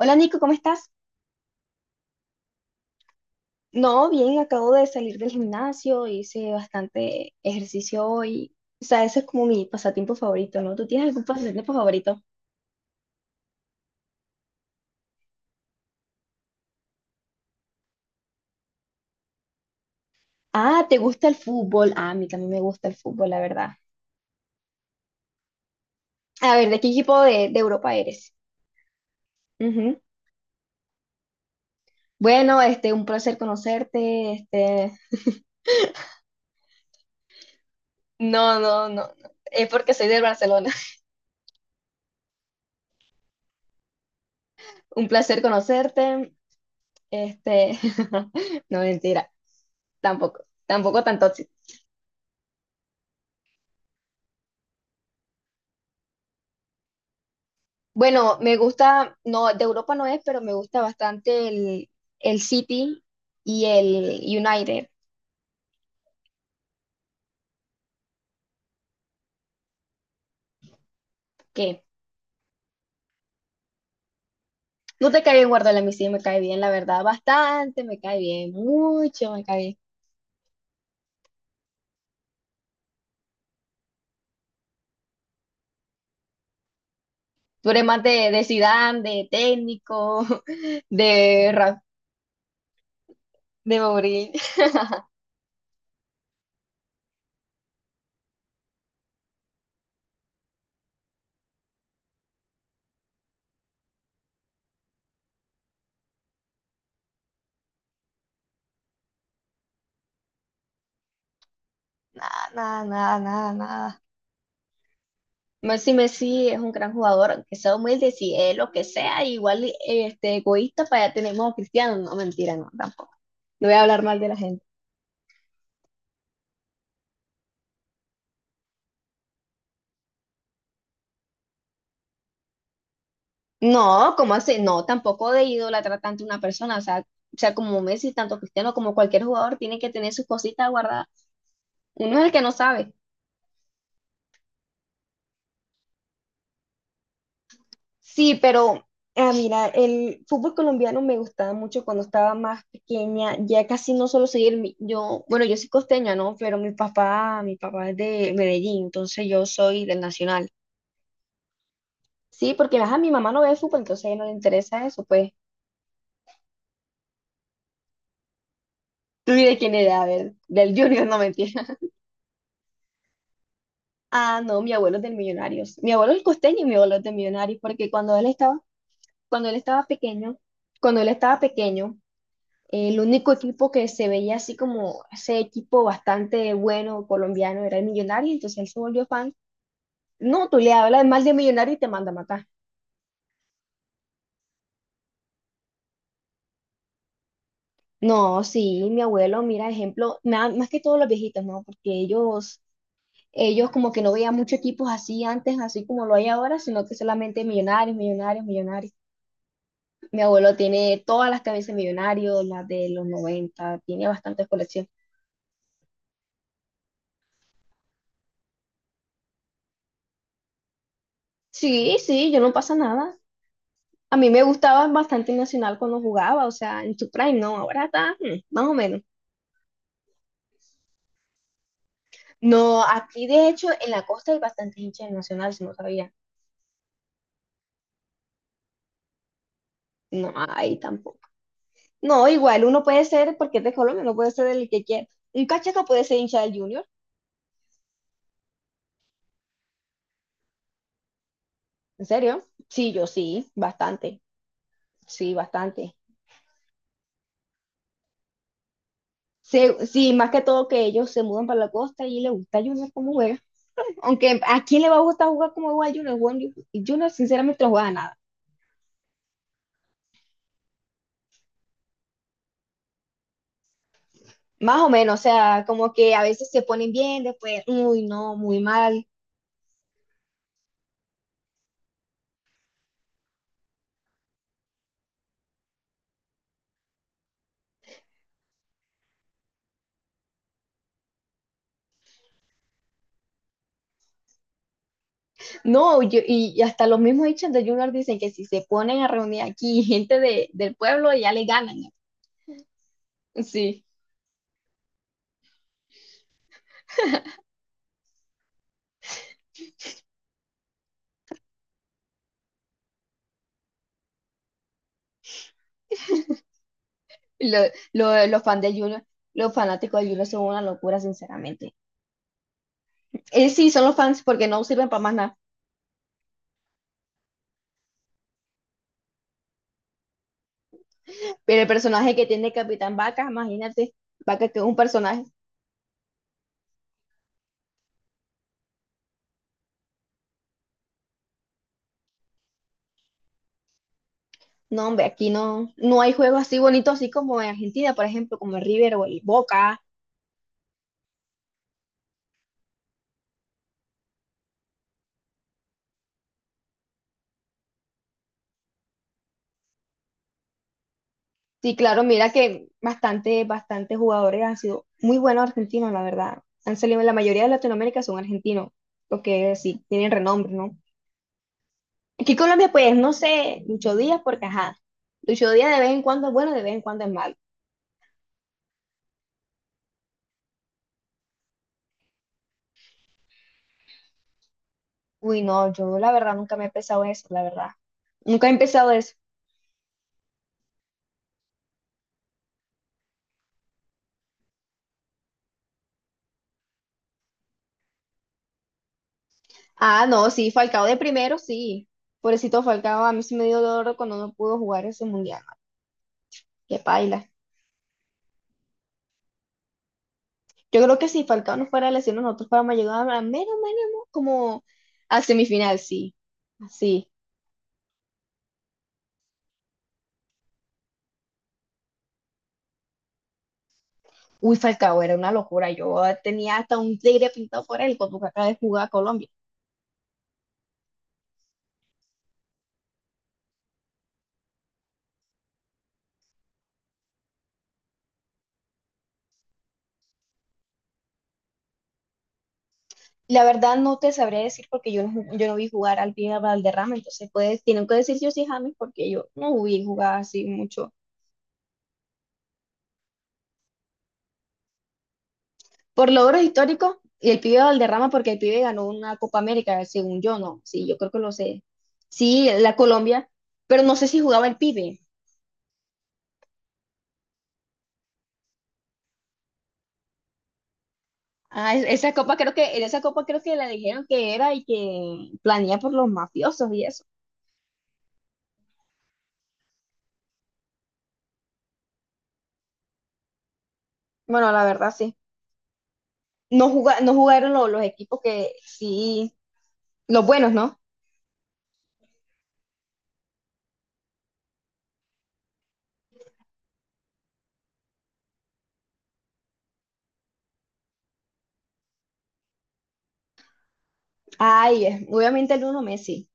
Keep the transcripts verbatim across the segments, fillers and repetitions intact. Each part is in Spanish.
Hola Nico, ¿cómo estás? No, bien, acabo de salir del gimnasio, hice bastante ejercicio hoy. O sea, ese es como mi pasatiempo favorito, ¿no? ¿Tú tienes algún pasatiempo favorito? Ah, ¿te gusta el fútbol? Ah, a mí también me gusta el fútbol, la verdad. A ver, ¿de qué equipo de, de Europa eres? Ujú. Bueno, este, un placer conocerte, este... No, no, no, no, es porque soy de Barcelona. Un placer conocerte, este... No, mentira, tampoco, tampoco tanto. Bueno, me gusta, no, de Europa no es, pero me gusta bastante el, el, City y el United, que no te cae bien Guardiola, a mí sí me cae bien, la verdad, bastante, me cae bien, mucho me cae bien. Tú eres más de, de Zidane, de técnico, de Ra- de Mourinho, nada, nada, nada, nada, nada. Messi, Messi es un gran jugador, aunque sea humilde, si es lo que sea, igual este, egoísta, para allá tenemos a Cristiano, no, mentira, no, tampoco. No voy a hablar mal de la gente. No, ¿cómo así? No, tampoco de idolatrar tanto a una persona. O sea, o sea, como Messi, tanto Cristiano como cualquier jugador, tiene que tener sus cositas guardadas. Uno es el que no sabe. Sí, pero ah, mira, el fútbol colombiano me gustaba mucho cuando estaba más pequeña, ya casi no solo seguir, mi- yo, bueno, yo soy costeña, ¿no? Pero mi papá, mi papá es de Medellín, entonces yo soy del Nacional. Sí, porque ajá, mi mamá no ve fútbol, entonces a ella no le interesa eso, pues. ¿Tú y de quién era? A ver, del Junior, no mentira. Ah, no, mi abuelo es del Millonarios. Mi abuelo es costeño y mi abuelo es de Millonarios, porque cuando él estaba, cuando él estaba pequeño, cuando él estaba pequeño, el único equipo que se veía así como ese equipo bastante bueno colombiano era el Millonario, entonces él se volvió fan. No, tú le hablas mal de Millonario y te manda a matar. No, sí, mi abuelo, mira, ejemplo, ma- más que todos los viejitos, ¿no? Porque ellos, ellos como que no veían muchos equipos así antes, así como lo hay ahora, sino que solamente Millonarios, Millonarios, Millonarios. Mi abuelo tiene todas las camisas millonarios, las de los noventa. Tiene bastantes colecciones. Sí, sí, yo no pasa nada. A mí me gustaba bastante Nacional cuando jugaba, o sea, en su prime, no, ahora está mm, más o menos. No, aquí de hecho en la costa hay bastante hinchas de Nacional, si no sabía. No, ahí tampoco. No, igual uno puede ser, porque es de Colombia, no puede ser el que quiera. Un cachaca puede ser hincha del Junior, ¿en serio? Sí, yo sí, bastante, sí, bastante. Se- sí, más que todo que ellos se mudan para la costa y le gusta a Junior cómo juega. Aunque a quién le va a gustar jugar como juega Junior, Juan- Junior sinceramente no juega nada. Más o menos, o sea, como que a veces se ponen bien, después, uy, no, muy mal. No, yo- y y hasta los mismos hinchas de Junior dicen que si se ponen a reunir aquí gente de, del pueblo, ya le ganan. ¿No? Sí, lo- lo- los fans de Junior, los fanáticos de Junior son una locura, sinceramente. Eh, sí, son los fans porque no sirven para más nada. Pero el personaje que tiene Capitán Vaca, imagínate, Vaca que es un personaje. No, hombre, aquí no, no hay juegos así bonitos, así como en Argentina, por ejemplo, como el River o el Boca. Sí, claro, mira que bastante, bastantes jugadores han sido muy buenos argentinos, la verdad. Han salido, la mayoría de Latinoamérica son argentinos, porque sí, tienen renombre, ¿no? Aquí en Colombia, pues, no sé, Lucho Díaz, porque ajá, Lucho Díaz de vez en cuando es bueno, de vez en cuando es malo. Uy, no, yo la verdad nunca me he pensado eso, la verdad. Nunca he empezado eso. Ah, no, sí, Falcao de primero, sí. Pobrecito Falcao, a mí sí me dio dolor cuando no pudo jugar ese mundial. Qué paila. Yo creo que si Falcao no fuera lesionado, nosotros fuéramos llegado a menos, menos, como a semifinal, sí. Así. Uy, Falcao, era una locura. Yo tenía hasta un tigre pintado por él cuando acaba de jugar a Colombia. La verdad no te sabría decir porque yo no, ju- yo no vi jugar al pie Valderrama, entonces pues tienen que decir yo sí James porque yo no vi jugar así mucho. Por logros históricos y el pibe Valderrama porque el pibe ganó una Copa América, según yo, no, sí, yo creo que lo sé. Sí, la Colombia, pero no sé si jugaba el pibe. Ah, es- esa copa creo que, en esa copa creo que la dijeron que era y que planía por los mafiosos y eso. Bueno, la verdad sí. No juga- no jugaron lo- los equipos que sí, los buenos, ¿no? Ay, eh, obviamente el uno Messi.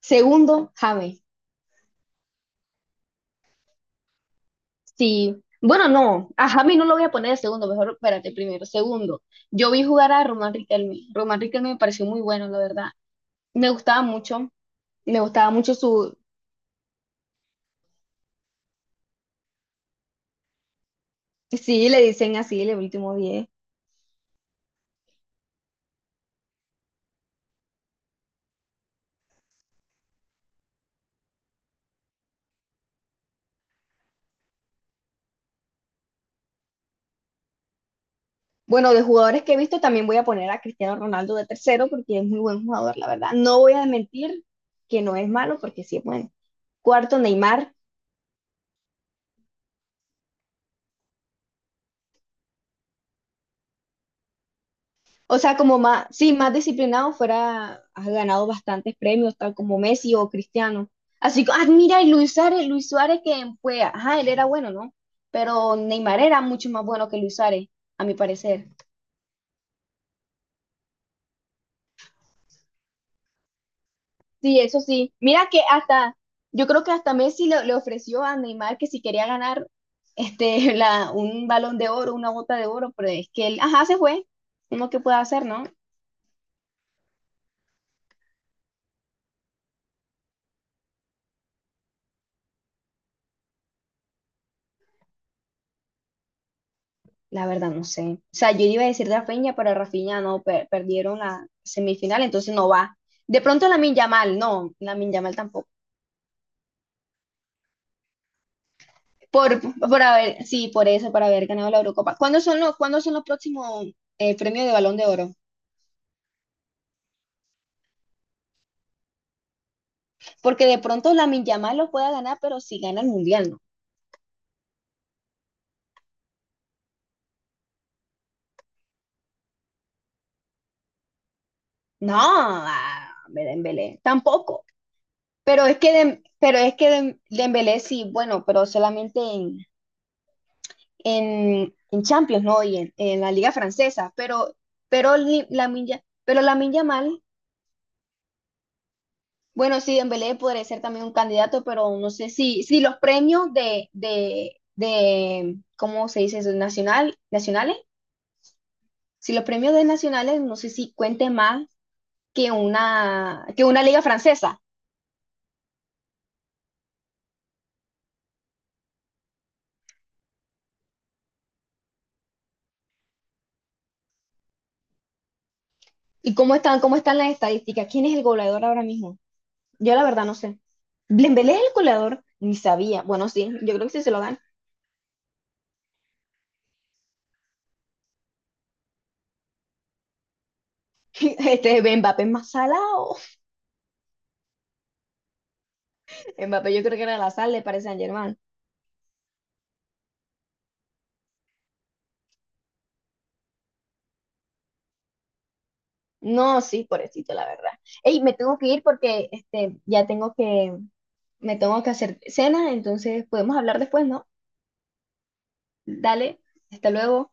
Segundo, James. Sí, bueno, no, a James no lo voy a poner de segundo, mejor espérate, primero. Segundo, yo vi jugar a Román Riquelme. Román Riquelme me pareció muy bueno, la verdad. Me gustaba mucho, me gustaba mucho su, sí, le dicen así, el último diez. Bueno, de jugadores que he visto también voy a poner a Cristiano Ronaldo de tercero porque es muy buen jugador, la verdad. No voy a mentir que no es malo porque sí es bueno. Cuarto, Neymar. O sea, como más, sí, más disciplinado fuera, has ganado bastantes premios, tal como Messi o Cristiano. Así que, ah, mira, y Luis Suárez, Luis Suárez que fue, ajá, él era bueno, ¿no? Pero Neymar era mucho más bueno que Luis Suárez, a mi parecer. Sí, eso sí. Mira que hasta, yo creo que hasta Messi le, le ofreció a Neymar que si quería ganar este, la, un balón de oro, una bota de oro, pero es que él, ajá, se fue. Uno que puede hacer, ¿no? La verdad, no sé. O sea, yo iba a decir Rafinha, pero Rafinha no, per- perdieron la semifinal, entonces no va. De pronto Lamine Yamal, no, Lamine Yamal tampoco. Por, por haber, sí, por eso, por haber ganado la Eurocopa. ¿Cuándo son los, cuándo son los próximos eh, premios de Balón de Oro? Porque de pronto Lamine Yamal lo pueda ganar, pero si gana el Mundial, no. No, ah, Dembélé, tampoco. Pero es que, Dem- pero es que Dem- Dembélé sí, bueno, pero solamente en en, en Champions, ¿no? Y en, en la Liga Francesa, pero, pero Li- Lamine Ya- pero Lamine Yamal, bueno, sí, Dembélé podría ser también un candidato, pero no sé si, si los premios de, de, de, ¿cómo se dice eso? Nacional, nacionales, si los premios de nacionales, no sé si cuente más que una, que una liga francesa. ¿Y cómo están, cómo están las estadísticas? ¿Quién es el goleador ahora mismo? Yo la verdad no sé. ¿Dembélé es el goleador? Ni sabía. Bueno, sí, yo creo que sí se lo gana. Este Mbappé es más salado. Mbappé yo creo que era la sal de Paris Saint-Germain. No, sí, pobrecito, la verdad. Ey, me tengo que ir porque este, ya tengo que, me tengo que hacer cena, entonces podemos hablar después, ¿no? Dale, hasta luego.